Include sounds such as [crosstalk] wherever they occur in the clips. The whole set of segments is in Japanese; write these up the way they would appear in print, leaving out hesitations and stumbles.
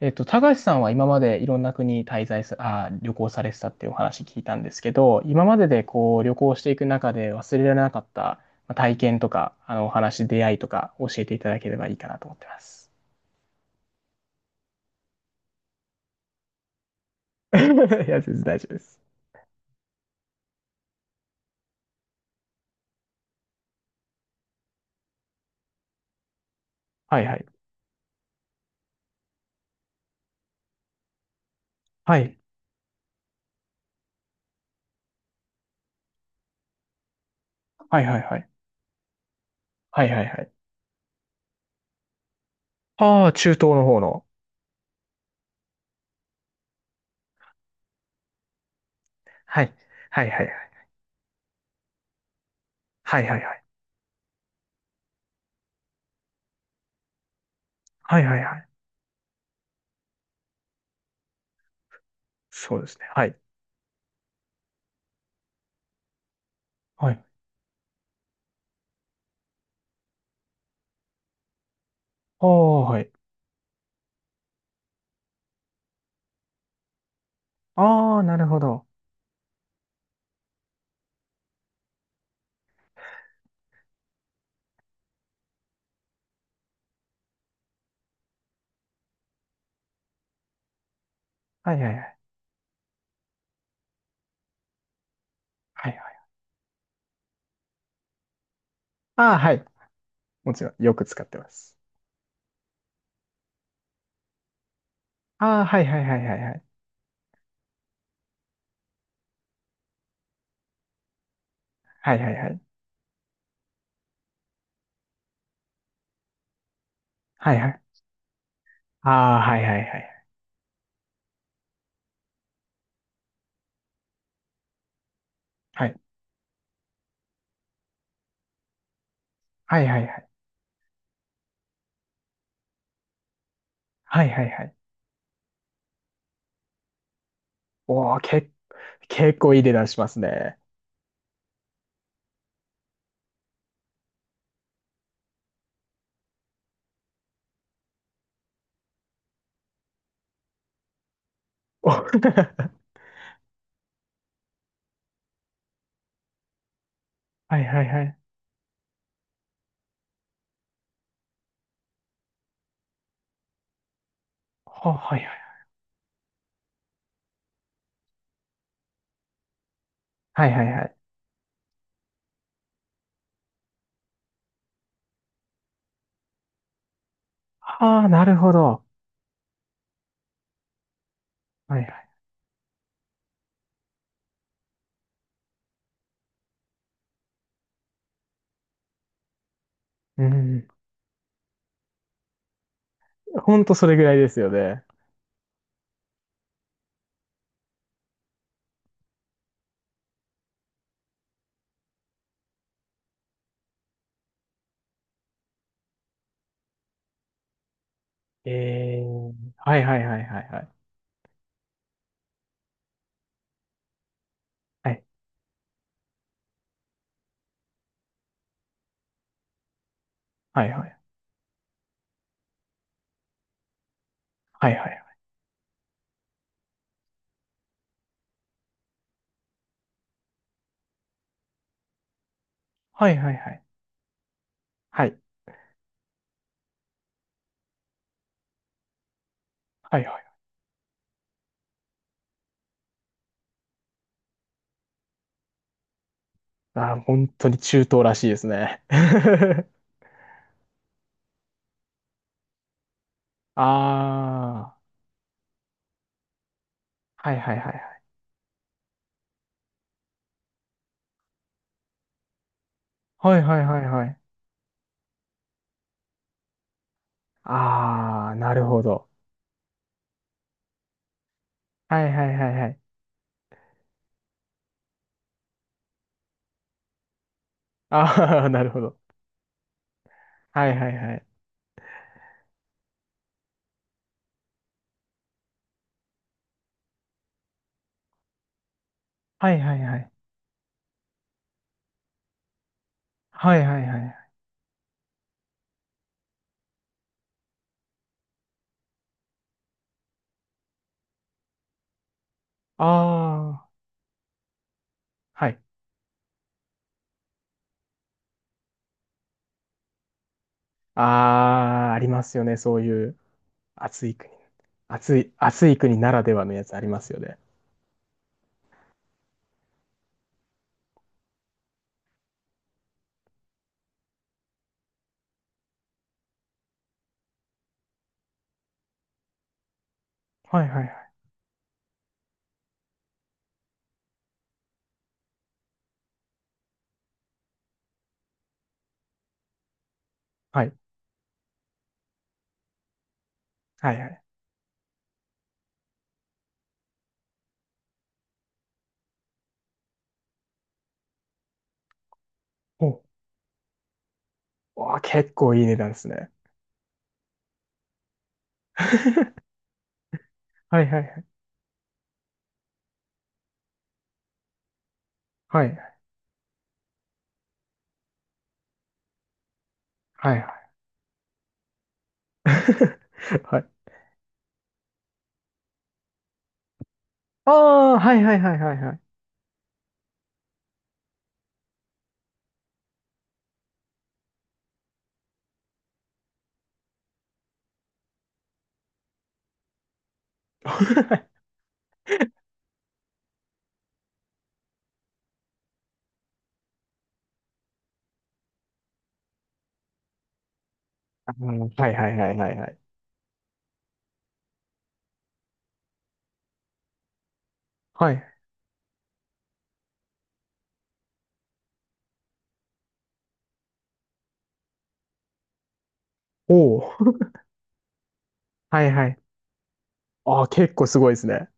高橋さんは今までいろんな国滞在さ、あー、旅行されてたっていうお話聞いたんですけど、今まででこう旅行していく中で忘れられなかったまあ体験とか、あのお話、出会いとか教えていただければいいかなと思ってます。[laughs] いや、全然大丈夫です。はいはい。はい。はいはいはい。はいはいはい。ああ、中東の方の。はい。はいはいはい。はいはいはい。はいはいはい。そうですね。はい。はい。ああ、はい。ああ、なるほど。はいはいはい。はいはい。ああ、はい。もちろん、よく使ってます。ああ、はいはいはいはいはい。はいはいはい。はいはい。ああ、はいはいはい。はい。はいはいはい。はいはいはい。おお、け、結構いい値段しますね。お [laughs] はいはいはい。はいはい。はいはいはい。ああ、なるほど。はいはい。うん。ほんとそれぐらいですよね。えー。はいはいはいはいはい。はいはいはい。はいはいはいはいはいはい。はいはいはい。ああ本当に中東らしいですね。[laughs] ああ、はいはいはいはい。はいはいはいはい、ああなるほど、はいはいはいはい、ああ [laughs] なるほど、はいはいはいはいはいはいはいはいはい、ああはい、ああありますよねそういう暑い国、暑い暑い国ならではのやつありますよね、はいはいはいはいはいはい、おおー結構いい値段ですね。 [laughs] はいはいはい。 [laughs] はいはいはい。 [laughs] はい、ああはいはいはいはいはい。 [laughs] はいはいはいはいはいはいはい、おお。[laughs] はいはい。ああ、結構すごいですね。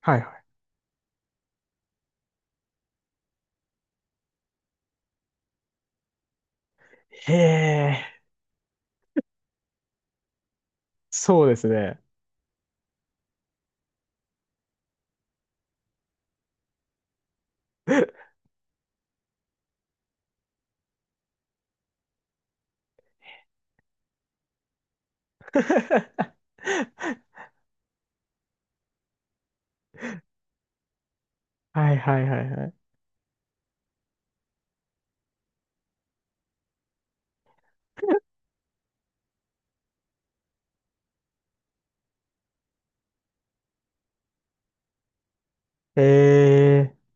はいはい。へえ、そうですね。[laughs] はいはいはいはい。へえ。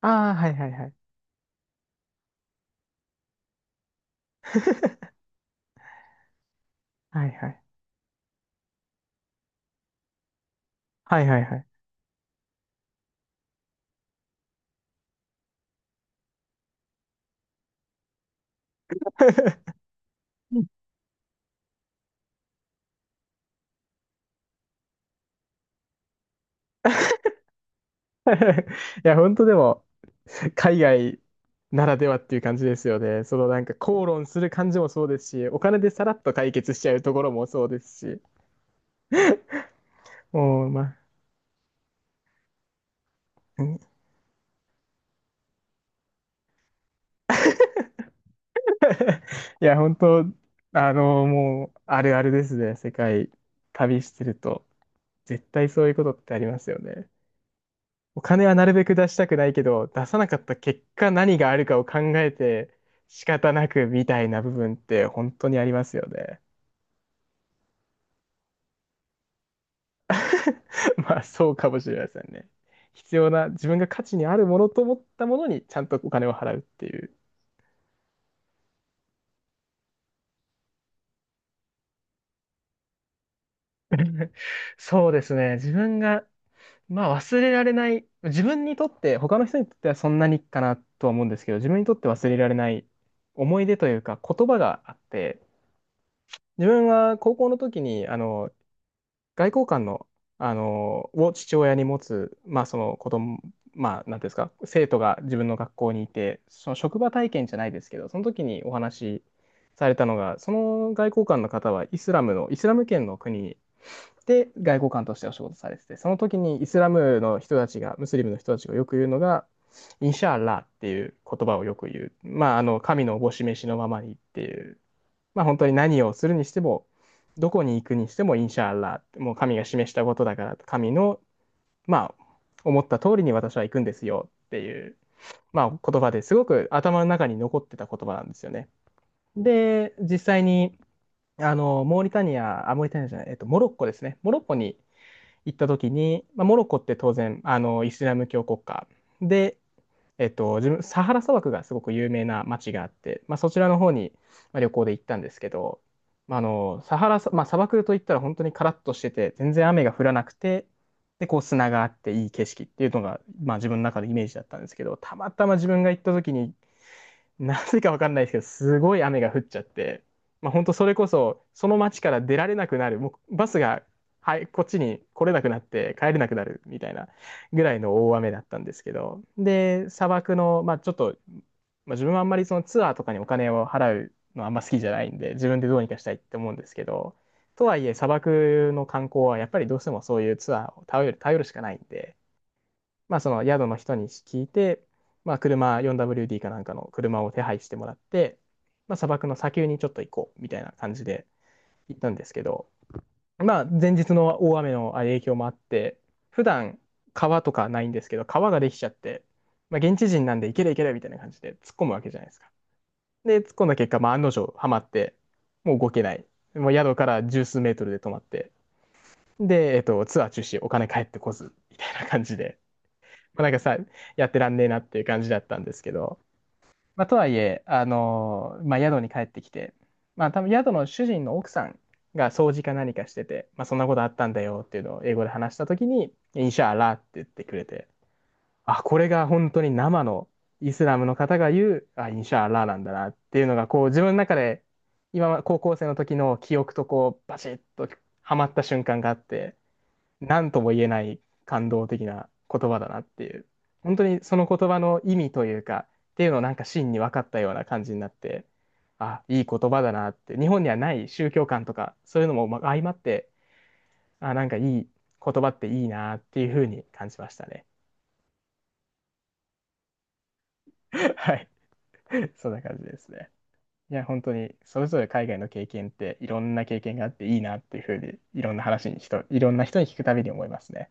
ああ、はいはいはい。[laughs] はいはい。はいはいはい。うん。 [laughs] いや、本当でも、海外ならではっていう感じですよね。そのなんか口論する感じもそうですし、お金でさらっと解決しちゃうところもそうですし。もう、まあ、いや、本当、あの、もう、あるあるですね。世界旅してると、絶対そういうことってありますよね。お金はなるべく出したくないけど、出さなかった結果何があるかを考えて仕方なくみたいな部分って本当にありますよね。[laughs] まあ、そうかもしれませんね。必要な、自分が価値にあるものと思ったものにちゃんとお金を払うっていう。そうですね。自分がまあ忘れられない、自分にとって、他の人にとってはそんなにかなとは思うんですけど、自分にとって忘れられない思い出というか言葉があって、自分は高校の時にあの外交官の、あのを父親に持つ、まあ、その子供、まあ、なんていうんですか、生徒が自分の学校にいて、その職場体験じゃないですけど、その時にお話しされたのが、その外交官の方はイスラムの、イスラム圏の国で外交官としてお仕事されてて、その時にイスラムの人たちが、ムスリムの人たちがよく言うのが、インシャーラーっていう言葉をよく言う。まあ、あの、神のおぼし召しのままにっていう。まあ、本当に何をするにしても、どこに行くにしてもインシャアラー、もう神が示したことだから、神の、まあ、思った通りに私は行くんですよっていう、まあ、言葉ですごく頭の中に残ってた言葉なんですよね。で、実際に、あの、モーリタニア、あ、モーリタニアじゃない、モロッコですね。モロッコに行った時に、まあ、モロッコって当然、あの、イスラム教国家で、えっと、自分、サハラ砂漠がすごく有名な街があって、まあ、そちらの方に、まあ、旅行で行ったんですけど、まあ、あの、サハラさ、まあ、砂漠といったら本当にカラッとしてて、全然雨が降らなくて、で、こう砂があっていい景色っていうのが、まあ、自分の中のイメージだったんですけど、たまたま自分が行った時になぜかわかんないですけど、すごい雨が降っちゃって、まあ、本当それこそ、その町から出られなくなる、もうバスが、はい、こっちに来れなくなって帰れなくなるみたいなぐらいの大雨だったんですけど、で、砂漠の、まあ、ちょっと、まあ、自分はあんまりそのツアーとかにお金を払うのはあんま好きじゃないんで、自分でどうにかしたいって思うんですけど、とはいえ砂漠の観光はやっぱりどうしてもそういうツアーを頼るしかないんで、まあ、その宿の人に聞いて、まあ、車 4WD かなんかの車を手配してもらって、まあ、砂漠の砂丘にちょっと行こうみたいな感じで行ったんですけど、まあ、前日の大雨の影響もあって、普段川とかないんですけど、川ができちゃって、まあ、現地人なんで行ける行けるみたいな感じで突っ込むわけじゃないですか。で、突っ込んだ結果、まあ、案の定ハマって、もう動けない。もう宿から十数メートルで止まって、で、ツアー中止、お金返ってこず、みたいな感じで。まあなんかさ、やってらんねえなっていう感じだったんですけど、まあ、とはいえ、まあ、宿に帰ってきて、まあ、多分宿の主人の奥さんが掃除か何かしてて、まあ、そんなことあったんだよっていうのを英語で話したときに、インシャアラーって言ってくれて、あ、これが本当に生のイスラムの方が言う、あ、インシャアラーなんだなっていうのが、こう自分の中で、今、高校生の時の記憶とこう、バシッとはまった瞬間があって、何とも言えない感動的な言葉だなっていう。本当にその言葉の意味というか、っていうのをなんか真に分かったような感じになって、あ、いい言葉だなって、日本にはない宗教観とか、そういうのもま相まって、あ、なんかいい言葉っていいなっていうふうに感じましたね。[laughs] はい。そんな感じですね。いや、本当に、それぞれ海外の経験って、いろんな経験があっていいなっていうふうに、いろんな話に人、いろんな人に聞くたびに思いますね。